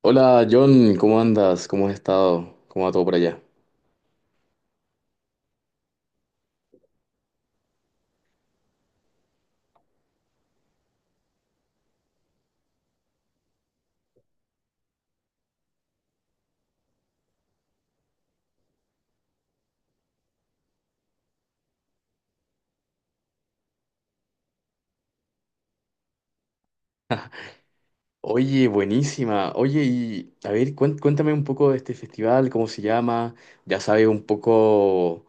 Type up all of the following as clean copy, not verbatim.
Hola John, ¿cómo andas? ¿Cómo has estado? ¿Cómo va todo por allá? Oye, buenísima. Oye, y a ver, cuéntame un poco de este festival, cómo se llama. Ya sabes un poco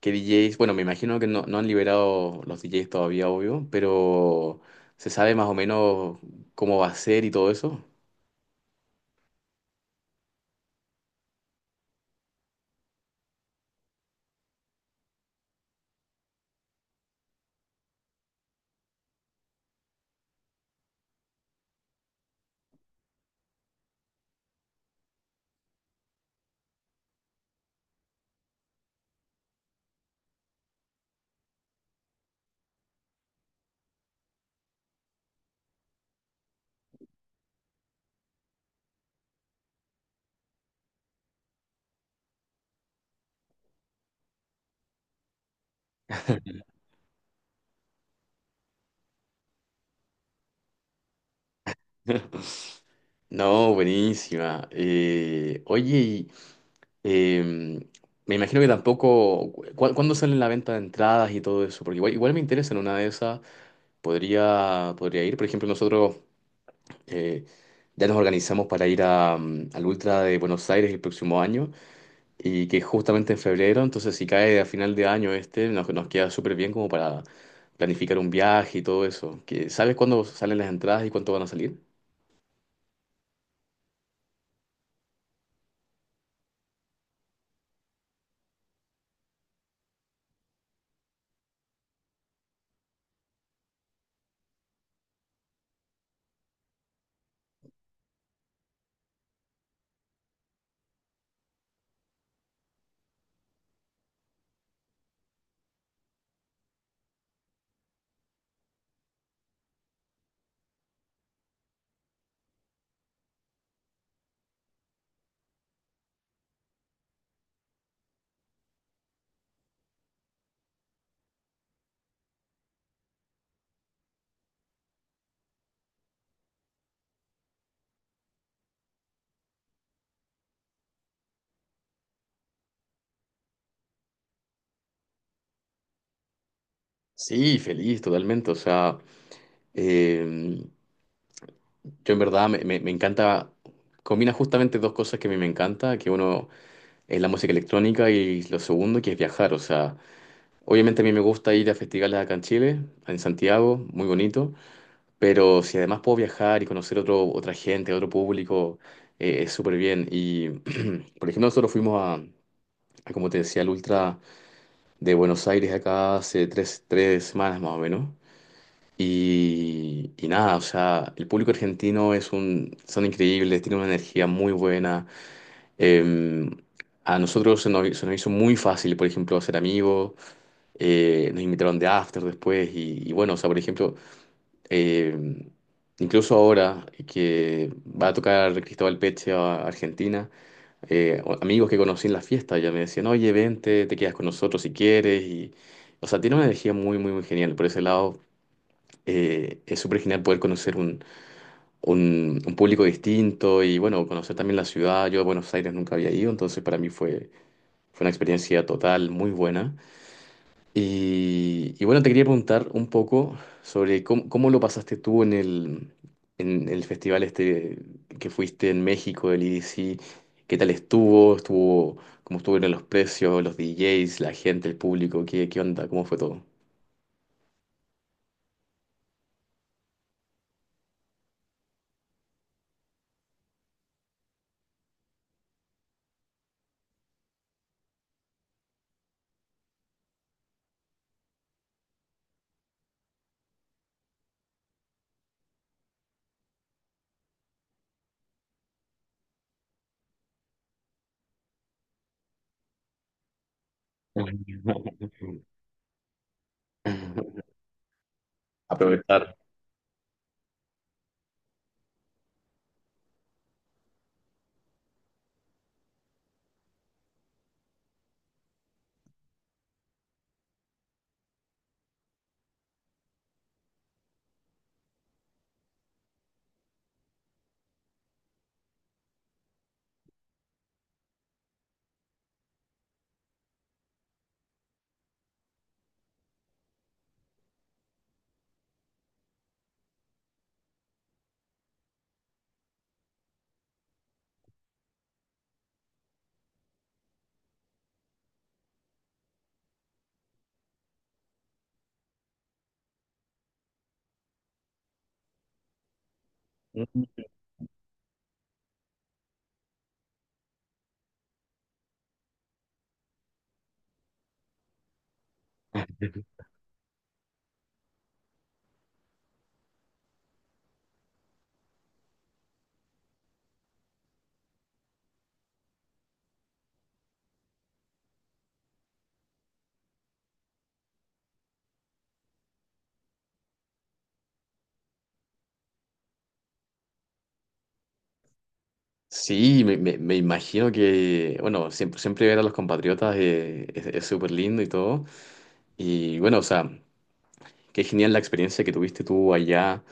qué DJs. Bueno, me imagino que no han liberado los DJs todavía, obvio, pero ¿se sabe más o menos cómo va a ser y todo eso? No, buenísima. Eh, Me imagino que tampoco. ¿Cuándo sale la venta de entradas y todo eso? Porque igual me interesa en una de esas. Podría ir. Por ejemplo, nosotros eh, ya nos organizamos para ir a, al Ultra de Buenos Aires el próximo año y que es justamente en febrero. Entonces, si cae a final de año este, nos queda súper bien como para planificar un viaje y todo eso. Que, ¿sabes cuándo salen las entradas y cuánto van a salir? Sí, feliz, totalmente. O sea, em, yo en verdad me encanta, combina justamente dos cosas que a mí me encanta, que uno es la música electrónica y lo segundo que es viajar, o sea, obviamente a mí me gusta ir a festivales acá en Chile, en Santiago, muy bonito, pero si además puedo viajar y conocer otro, otra gente, otro público, es súper bien. Y, por ejemplo, nosotros fuimos, como te decía, al Ultra de Buenos Aires acá hace tres semanas más o menos. Y nada, o sea, el público argentino es un, son increíbles, tienen una energía muy buena. Eh, a nosotros se nos hizo muy fácil, por ejemplo, hacer amigos. Nos invitaron de after después y bueno, o sea, por ejemplo, eh, incluso ahora que va a tocar Cristóbal Peche a Argentina, amigos que conocí en la fiesta ya me decían, oye, vente, te quedas con nosotros si quieres. Y, o sea, tiene una energía muy, muy, muy genial por ese lado, es súper genial poder conocer un público distinto y bueno, conocer también la ciudad. Yo a Buenos Aires nunca había ido, entonces para mí fue, fue una experiencia total, muy buena. Y bueno, te quería preguntar un poco sobre cómo, cómo lo pasaste tú en el festival este que fuiste en México, del EDC. ¿Qué tal estuvo? ¿Estuvo, cómo estuvieron los precios, los DJs, la gente, el público? ¿Qué, qué onda? ¿Cómo fue todo? Aprovechar. Sí, me imagino que, bueno, siempre, siempre ver a los compatriotas, es súper lindo y todo. Y bueno, o sea, qué genial la experiencia que tuviste tú allá,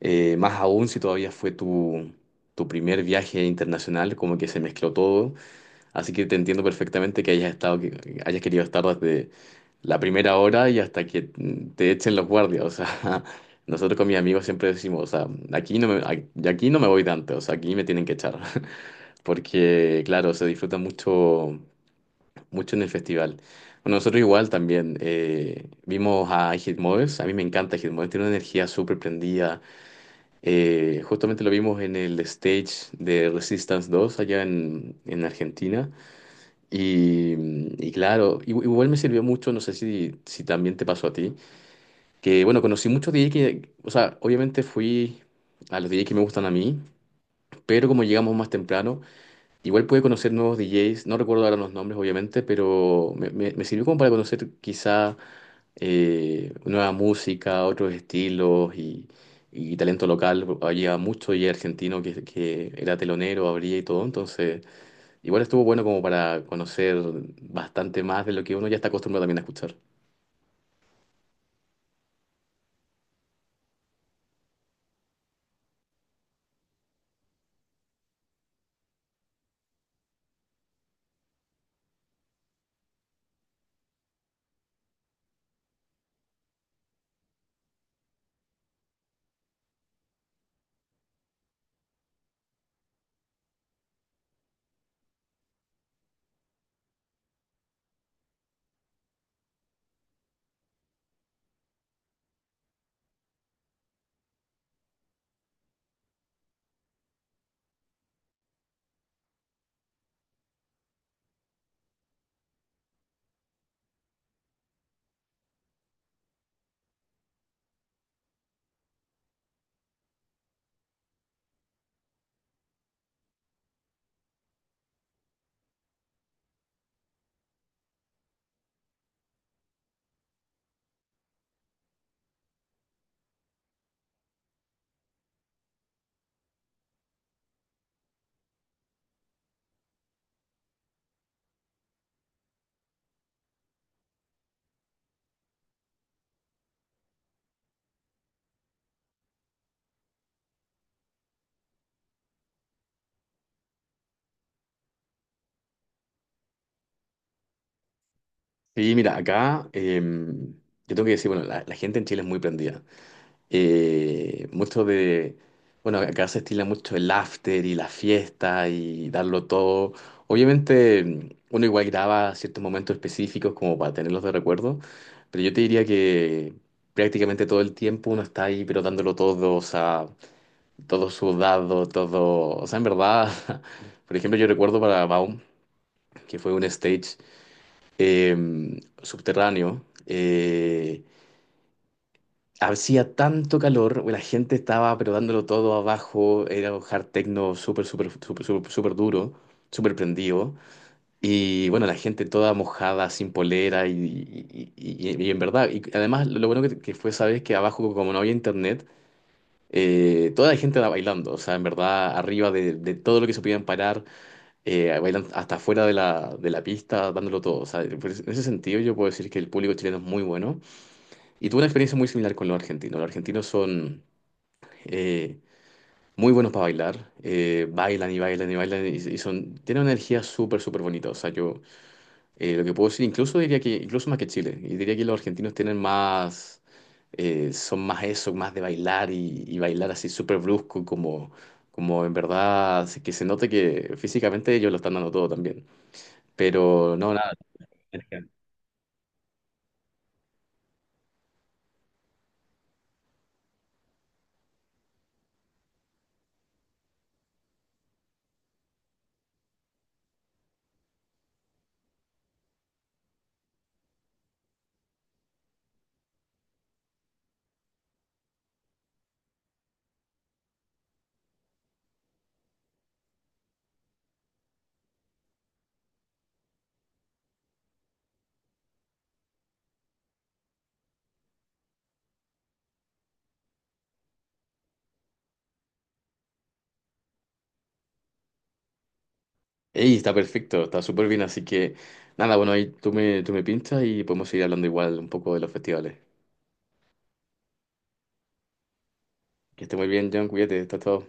más aún si todavía fue tu, tu primer viaje internacional, como que se mezcló todo. Así que te entiendo perfectamente que hayas estado, que hayas querido estar desde la primera hora y hasta que te echen los guardias. O sea, nosotros con mis amigos siempre decimos, o sea, aquí no me voy tanto, o sea, aquí me tienen que echar porque claro, se disfruta mucho, mucho en el festival. Bueno, nosotros igual también vimos a Hit, a mí me encanta Hit, tiene una energía súper prendida. Justamente lo vimos en el stage de Resistance 2 allá en Argentina. Y, y claro, igual me sirvió mucho, no sé si también te pasó a ti, que bueno, conocí muchos DJ que, o sea, obviamente fui a los DJ que me gustan a mí, pero como llegamos más temprano, igual pude conocer nuevos DJs, no recuerdo ahora los nombres obviamente, pero me sirvió como para conocer quizá, nueva música, otros estilos y talento local. Había mucho DJ argentino que era telonero, abría y todo, entonces igual estuvo bueno como para conocer bastante más de lo que uno ya está acostumbrado también a escuchar. Y mira, acá yo tengo que decir, bueno, la gente en Chile es muy prendida. eh, mucho de, bueno, acá se estila mucho el after y la fiesta y darlo todo. Obviamente uno igual graba ciertos momentos específicos como para tenerlos de recuerdo, pero yo te diría que prácticamente todo el tiempo uno está ahí, pero dándolo todo, o sea, todo sudado, todo, o sea, en verdad, por ejemplo, yo recuerdo para Baum, que fue un stage subterráneo. Hacía tanto calor, la gente estaba pero dándolo todo abajo, era un hard techno súper, súper, súper, súper, súper duro, súper prendido. Y bueno, la gente toda mojada, sin polera y, y en verdad, y además lo bueno que fue, sabes, que abajo como no había internet, toda la gente era bailando, o sea, en verdad, arriba de todo lo que se podían parar, bailan hasta afuera de la pista, dándolo todo. O sea, en ese sentido yo puedo decir que el público chileno es muy bueno. Y tuve una experiencia muy similar con los argentinos. Los argentinos son eh, muy buenos para bailar. Bailan y bailan y bailan y son, tienen una energía súper, súper bonita. O sea, yo lo que puedo decir, incluso diría que, incluso más que Chile, y diría que los argentinos tienen más, son más eso, más de bailar y bailar así súper brusco, como, como en verdad, así que se note que físicamente ellos lo están dando todo también. Pero no, nada, ey, está perfecto, está súper bien, así que nada, bueno, ahí tú me pinchas y podemos seguir hablando igual un poco de los festivales. Que esté muy bien, John, cuídate, está todo.